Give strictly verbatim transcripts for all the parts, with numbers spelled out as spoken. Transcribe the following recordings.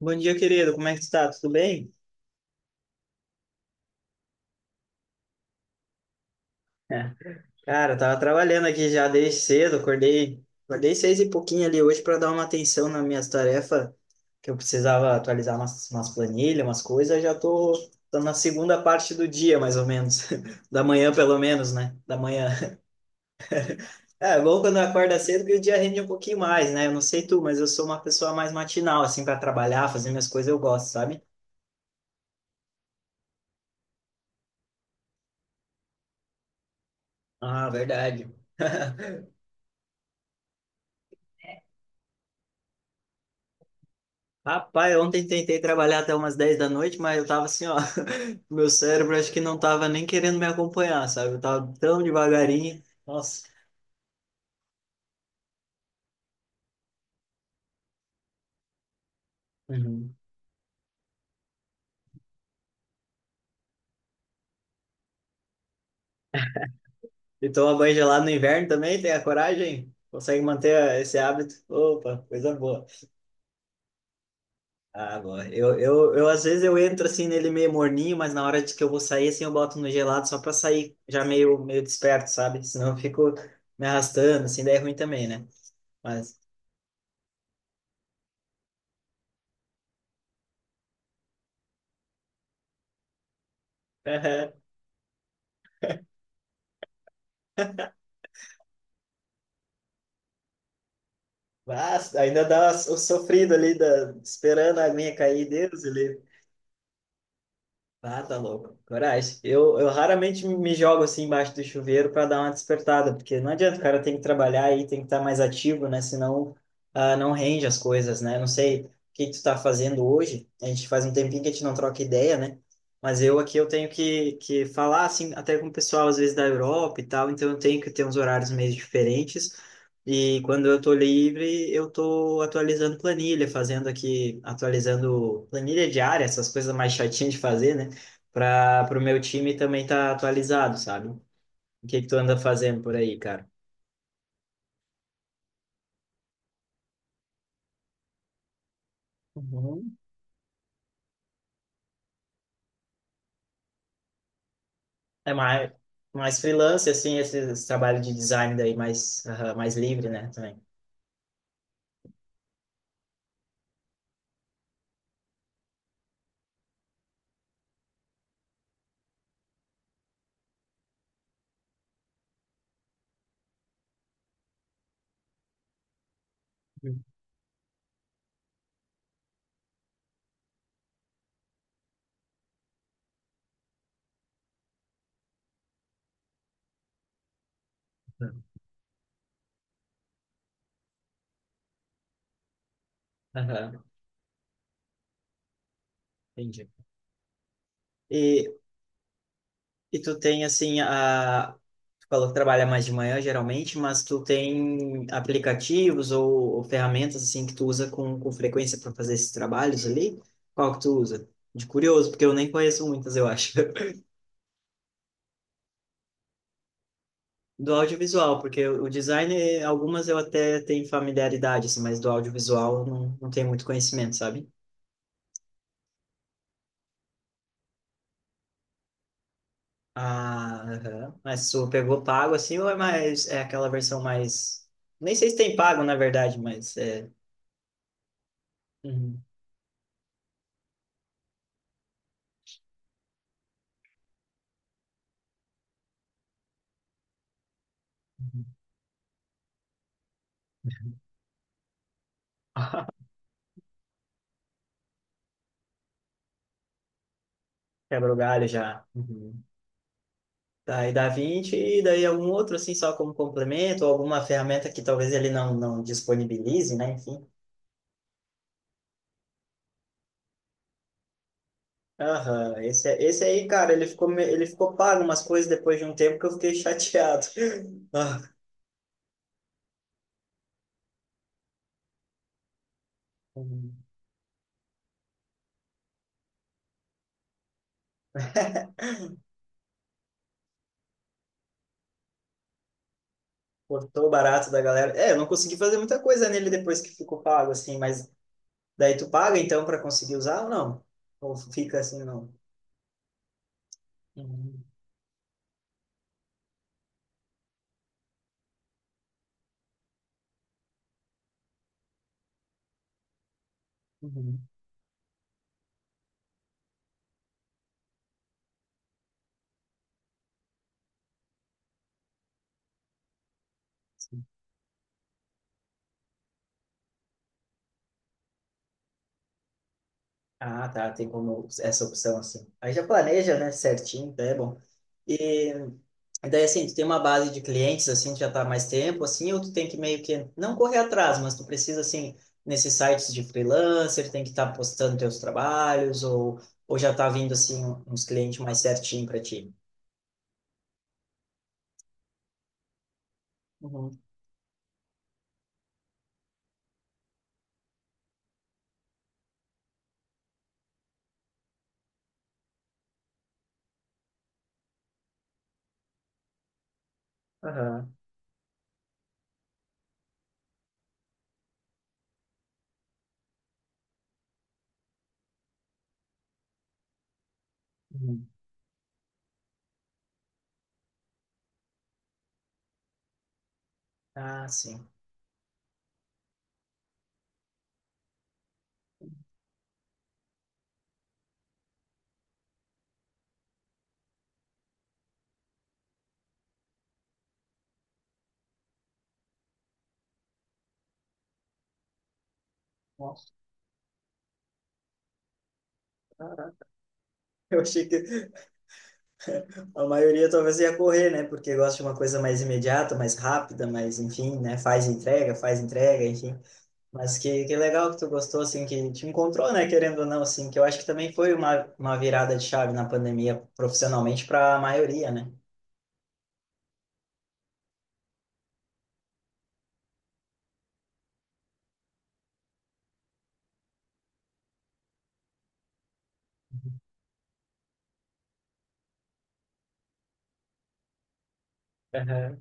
Bom dia, querido. Como é que tu tá? Tudo bem? É. Cara, eu tava trabalhando aqui já desde cedo, acordei, acordei seis e pouquinho ali hoje para dar uma atenção nas minhas tarefas, que eu precisava atualizar umas, umas planilhas, umas coisas, já tô, tô na segunda parte do dia, mais ou menos. Da manhã, pelo menos, né? Da manhã. É, é bom quando acorda cedo que o dia rende um pouquinho mais, né? Eu não sei tu, mas eu sou uma pessoa mais matinal, assim, para trabalhar, fazer minhas coisas eu gosto, sabe? Ah, verdade. Rapaz, ontem tentei trabalhar até umas dez da noite, mas eu tava assim, ó, meu cérebro acho que não tava nem querendo me acompanhar, sabe? Eu tava tão devagarinho. Nossa. Uhum. E toma banho gelado no inverno também, tem a coragem? Consegue manter esse hábito? Opa, coisa boa. Ah, boa. Eu, eu, eu às vezes eu entro assim nele meio morninho, mas na hora de que eu vou sair, assim, eu boto no gelado só pra sair já meio, meio desperto, sabe? Senão eu fico me arrastando, assim, daí é ruim também, né? Mas. Mas ainda dá o sofrido ali, da, esperando a aguinha cair, Deus, ele ah, tá louco. Coragem. Eu, eu raramente me jogo assim embaixo do chuveiro para dar uma despertada, porque não adianta, o cara tem que trabalhar e tem que estar mais ativo, né? Senão ah, não rende as coisas, né? Não sei o que tu tá fazendo hoje. A gente faz um tempinho que a gente não troca ideia, né? Mas eu aqui eu tenho que, que falar assim, até com o pessoal às vezes da Europa e tal, então eu tenho que ter uns horários meio diferentes. E quando eu tô livre, eu tô atualizando planilha, fazendo aqui, atualizando planilha diária, essas coisas mais chatinhas de fazer, né? Para o meu time também tá atualizado, sabe? O que que tu anda fazendo por aí, cara? Uhum. É mais, mais freelance, assim, esse, esse trabalho de design daí mais, aham, mais livre, né, também. Aham, entendi. E, e tu tem, assim, a... Tu falou que trabalha mais de manhã, geralmente, mas tu tem aplicativos ou, ou ferramentas, assim, que tu usa com, com frequência para fazer esses trabalhos ali? Qual que tu usa? De curioso, porque eu nem conheço muitas, eu acho. Do audiovisual, porque o design, eh, algumas eu até tenho familiaridade, assim, mas do audiovisual eu não, não tenho muito conhecimento, sabe? Ah, aham. Mas tu pegou pago, assim, ou é mais, é aquela versão mais... Nem sei se tem pago, na verdade, mas é... Uhum. Uhum. Quebra o galho já. Uhum. Daí dá vinte e daí algum outro, assim, só como complemento, ou alguma ferramenta que talvez ele não, não disponibilize, né? Enfim. Aham, esse, esse aí, cara, ele ficou, me- ele ficou pago umas coisas depois de um tempo que eu fiquei chateado. Ah, cortou barato da galera. É, eu não consegui fazer muita coisa nele depois que ficou pago, assim, mas daí tu paga então para conseguir usar ou não? Ou fica assim, não? Uhum, uhum. Ah, tá, tem como essa opção assim. Aí já planeja, né, certinho, tá, é bom. E daí, assim, tu tem uma base de clientes, assim, que já tá há mais tempo, assim, ou tu tem que meio que não correr atrás, mas tu precisa, assim, nesses sites de freelancer, tem que estar postando teus trabalhos, ou, ou já tá vindo, assim, um, uns clientes mais certinho para ti. Uhum. Aham. Uhum. Ah, sim. Nossa, caraca. Eu achei que a maioria talvez ia correr, né? Porque gosta de uma coisa mais imediata, mais rápida, mas enfim, né? Faz entrega, faz entrega, enfim. Mas que, que legal que tu gostou, assim, que te encontrou, né, querendo ou não, assim, que eu acho que também foi uma, uma virada de chave na pandemia, profissionalmente, para a maioria, né? Aham.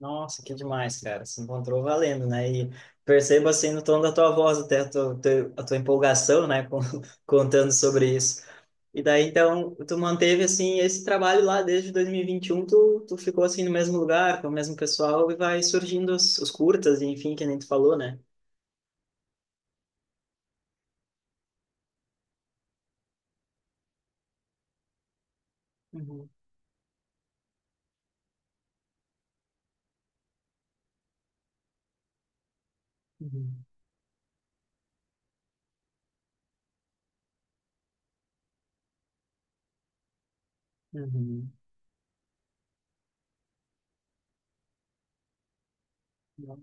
Nossa, que demais, cara. Se encontrou valendo, né? E percebo assim no tom da tua voz até a tua, teu- a tua empolgação, né? com- Contando sobre isso. E daí, então, tu manteve assim esse trabalho lá desde dois mil e e vinte e um, tu, tu ficou assim no mesmo lugar, com o mesmo pessoal e vai surgindo os, os curtas, enfim, que nem tu falou, né? Uhum. Uhum. Uhum. Nossa.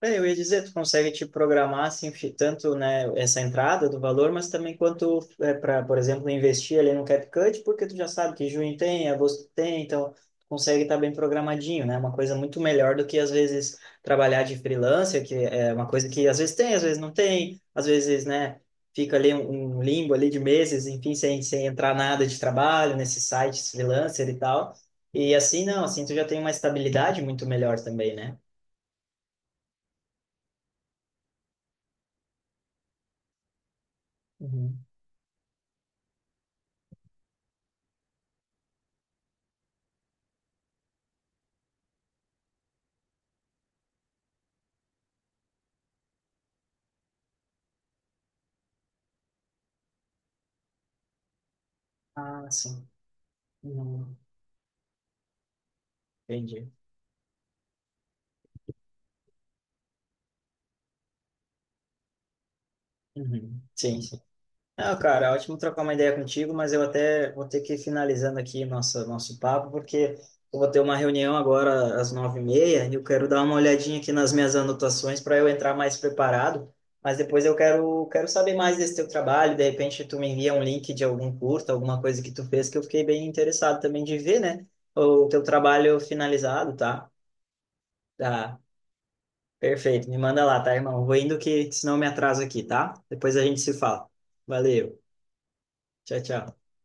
É, eu ia dizer, tu consegue te programar assim, fi- tanto, né, essa entrada do valor, mas também quanto é para, por exemplo, investir ali no CapCut, porque tu já sabe que junho tem, agosto tem, então tu consegue estar bem programadinho, né? Uma coisa muito melhor do que às vezes trabalhar de freelancer, que é uma coisa que às vezes tem, às vezes não tem, às vezes, né, fica ali um, um limbo ali de meses, enfim, sem, sem entrar nada de trabalho nesses sites freelancer e tal. E assim não, assim tu já tem uma estabilidade muito melhor também, né? Uhum. Ah, sim. Hum, entendi. Uhum. Sim, sim. Ah, cara, é ótimo trocar uma ideia contigo, mas eu até vou ter que ir finalizando aqui nossa, nosso papo, porque eu vou ter uma reunião agora às nove e meia e eu quero dar uma olhadinha aqui nas minhas anotações para eu entrar mais preparado, mas depois eu quero, quero saber mais desse teu trabalho, de repente tu me envia um link de algum curso, alguma coisa que tu fez, que eu fiquei bem interessado também de ver, né? O teu trabalho finalizado, tá? Tá. Perfeito, me manda lá, tá, irmão? Vou indo que senão eu me atraso aqui, tá? Depois a gente se fala. Valeu, tchau, tchau.